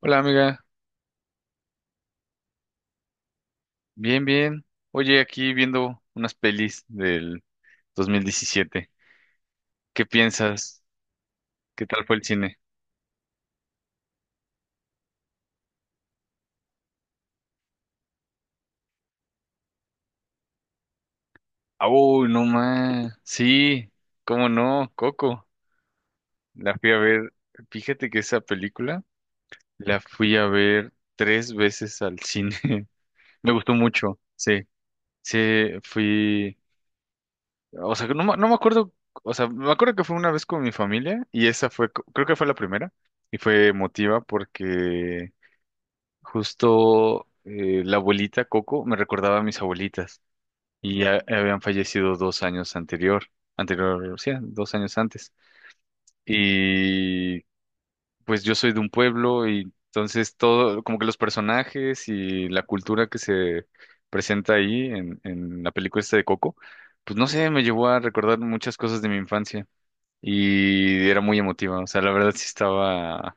Hola amiga, bien, bien. Oye, aquí viendo unas pelis del 2017. ¿Qué piensas? ¿Qué tal fue el cine? Ah, uy, no más. Sí, cómo no, Coco. La fui a ver. Fíjate que esa película la fui a ver 3 veces al cine. Me gustó mucho. Sí, sí, fui. O sea, no, no me acuerdo. O sea, me acuerdo que fue una vez con mi familia y esa fue, creo que fue la primera y fue emotiva porque justo, la abuelita Coco me recordaba a mis abuelitas y ya habían fallecido 2 años anterior, anterior, sí, 2 años antes. Y pues yo soy de un pueblo y entonces todo, como que los personajes y la cultura que se presenta ahí en la película esta de Coco, pues no sé, me llevó a recordar muchas cosas de mi infancia y era muy emotiva. O sea, la verdad sí estaba,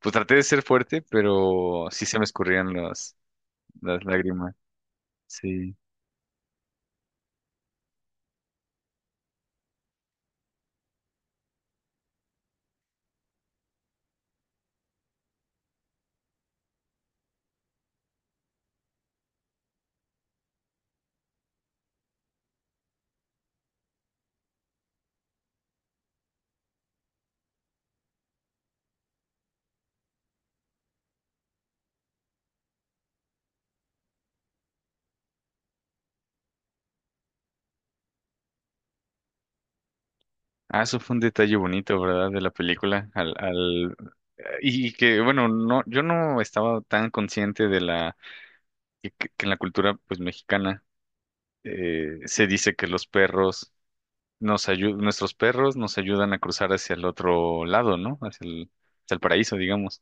pues traté de ser fuerte, pero sí se me escurrían las lágrimas. Sí. Ah, eso fue un detalle bonito, ¿verdad? De la película. Y que, bueno, no, yo no estaba tan consciente de que en la cultura pues mexicana se dice que los perros nos ayudan, nuestros perros nos ayudan a cruzar hacia el otro lado, ¿no? Hacia el paraíso, digamos.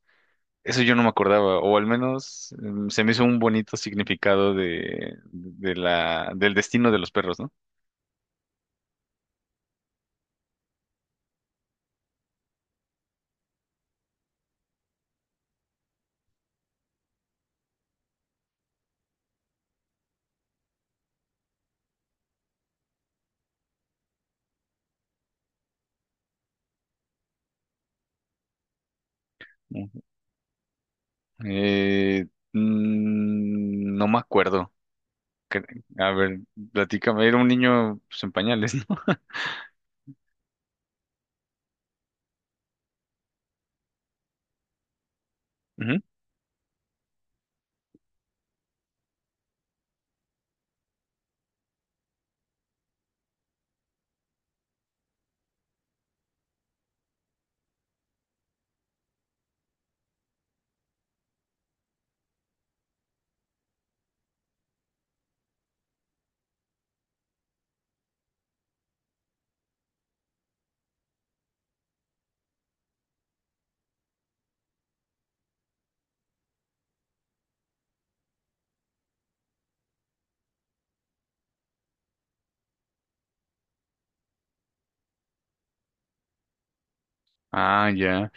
Eso yo no me acordaba, o al menos se me hizo un bonito significado del destino de los perros, ¿no? Ujú. Eh, no me acuerdo. A ver, platícame, era un niño pues, en pañales, ¿no? Ujú. Ah, ya.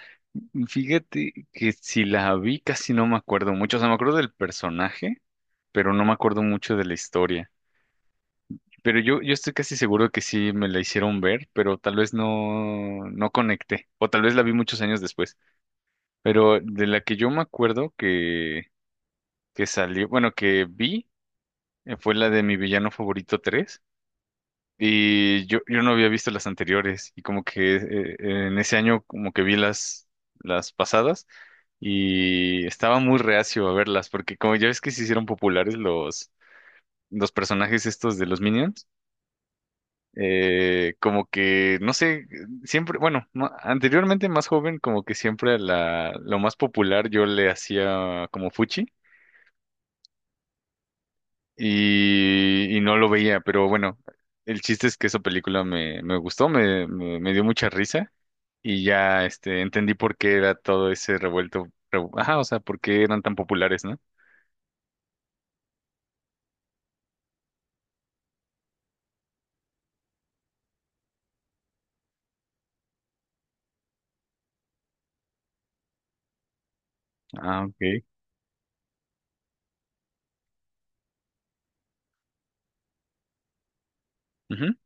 Fíjate que si la vi casi no me acuerdo mucho, o sea, me acuerdo del personaje, pero no me acuerdo mucho de la historia. Pero yo estoy casi seguro que sí me la hicieron ver, pero tal vez no, no conecté, o tal vez la vi muchos años después. Pero de la que yo me acuerdo que vi, fue la de Mi Villano Favorito 3. Y yo no había visto las anteriores y como que en ese año como que vi las pasadas y estaba muy reacio a verlas porque como ya ves que se hicieron populares los personajes estos de los Minions, como que no sé, siempre, bueno, anteriormente más joven como que siempre lo más popular yo le hacía como fuchi y no lo veía, pero bueno, el chiste es que esa película me gustó, me dio mucha risa. Y ya entendí por qué era todo ese revuelto, ajá, o sea, por qué eran tan populares, ¿no? Ah, ok. Ujú,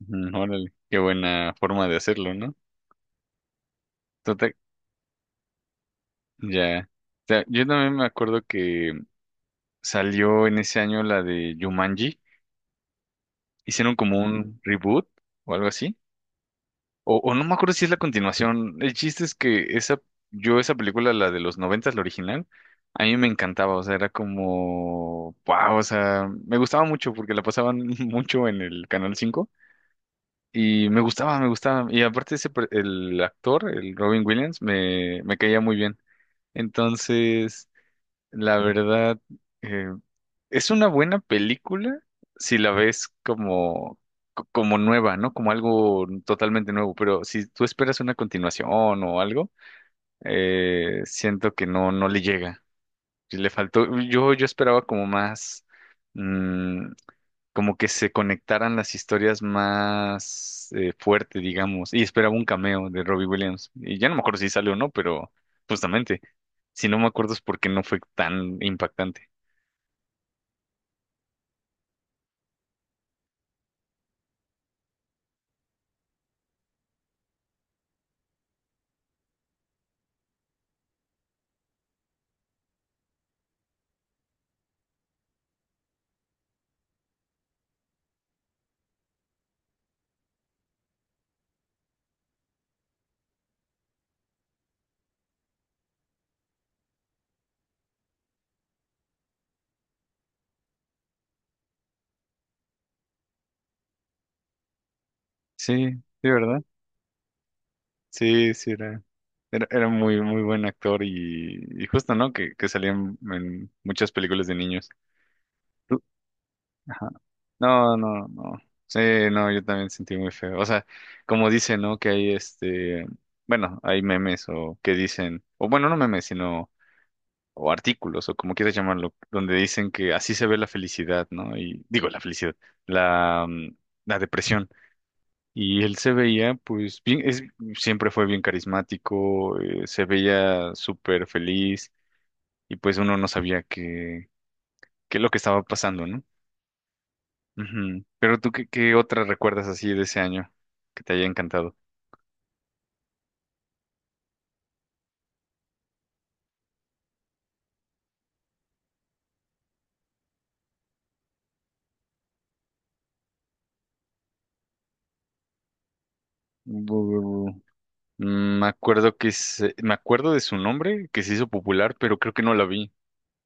ujú, órale, qué buena forma de hacerlo, ¿no? Tota- ya. O sea, yo también me acuerdo que salió en ese año la de Jumanji, hicieron como un reboot o algo así. O no me acuerdo si es la continuación. El chiste es que yo esa película, la de los noventas, la original, a mí me encantaba. O sea, era como, wow, o sea, me gustaba mucho porque la pasaban mucho en el Canal 5 y me gustaba, me gustaba. Y aparte el actor, el Robin Williams, me caía muy bien. Entonces, la verdad, eh, es una buena película si la ves como, como nueva, ¿no? Como algo totalmente nuevo, pero si tú esperas una continuación o algo, siento que no, no le llega. Sí, le faltó, yo esperaba como más, mm, como que se conectaran las historias más fuerte, digamos, y esperaba un cameo de Robbie Williams. Y ya no me acuerdo si salió o no, pero justamente, si no me acuerdo es porque no fue tan impactante. Sí, sí, ¿verdad? Sí, sí, era muy, muy buen actor y justo, ¿no? Que salía en muchas películas de niños. Tú- Ajá. No, no, no. Sí, no, yo también sentí muy feo. O sea, como dicen, ¿no? Que bueno, hay memes o que dicen, o bueno, no memes, sino, o artículos, o como quieras llamarlo, donde dicen que así se ve la felicidad, ¿no? Y digo, la felicidad, la, mm, la depresión. Y él se veía, pues, bien, siempre fue bien carismático, se veía súper feliz y pues uno no sabía qué es lo que estaba pasando, ¿no? Ujú. Pero tú, ¿qué otra recuerdas así de ese año que te haya encantado? Bu- Me acuerdo que me acuerdo de su nombre, que se hizo popular, pero creo que no la vi.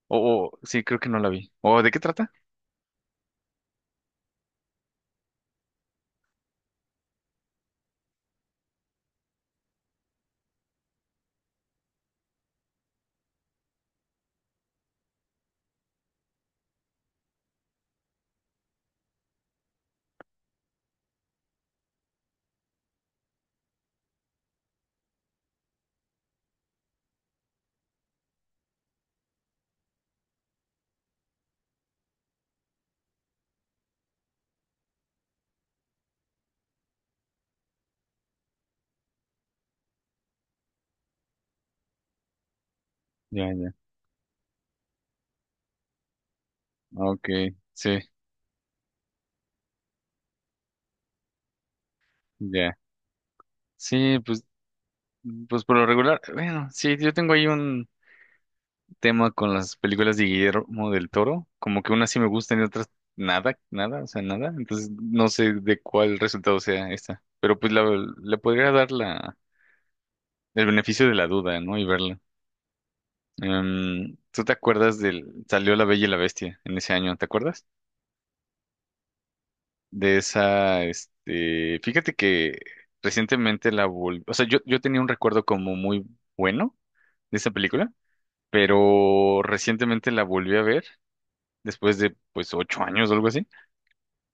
Oh, oh, sí, creo que no la vi. Oh, ¿de qué trata? Ya, ya. Ok, sí, ya. Sí, pues por lo regular, bueno, sí, yo tengo ahí un tema con las películas de Guillermo del Toro, como que unas sí me gustan y otras nada, nada, o sea, nada. Entonces no sé de cuál resultado sea esta, pero pues le podría dar el beneficio de la duda, ¿no? Y verla. ¿Tú te acuerdas, salió La Bella y la Bestia en ese año? ¿Te acuerdas? De esa, fíjate que recientemente la volví, o sea, yo tenía un recuerdo como muy bueno de esa película, pero recientemente la volví a ver después de pues 8 años o algo así.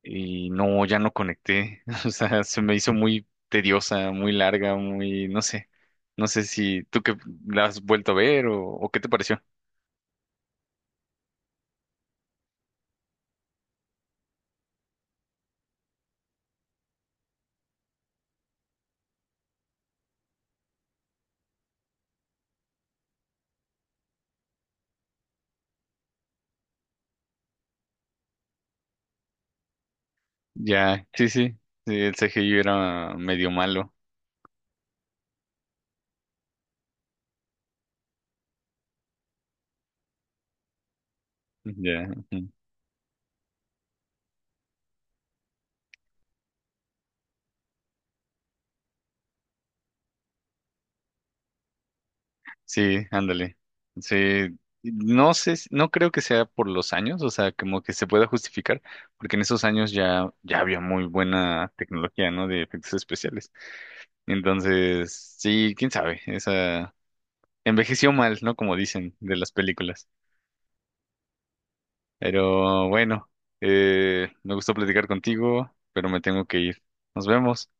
Y no, ya no conecté. O sea, se me hizo muy tediosa, muy larga, muy, no sé. No sé si tú que la has vuelto a ver o qué te pareció. Ya, sí, sí, sí, el CGI era medio malo. Ya, ujú. Sí, ándale. Sí, no sé, no creo que sea por los años, o sea, como que se pueda justificar, porque en esos años ya había muy buena tecnología, ¿no? De efectos especiales. Entonces, sí, quién sabe, esa. Envejeció mal, ¿no? Como dicen de las películas. Pero bueno, me gustó platicar contigo, pero me tengo que ir. Nos vemos.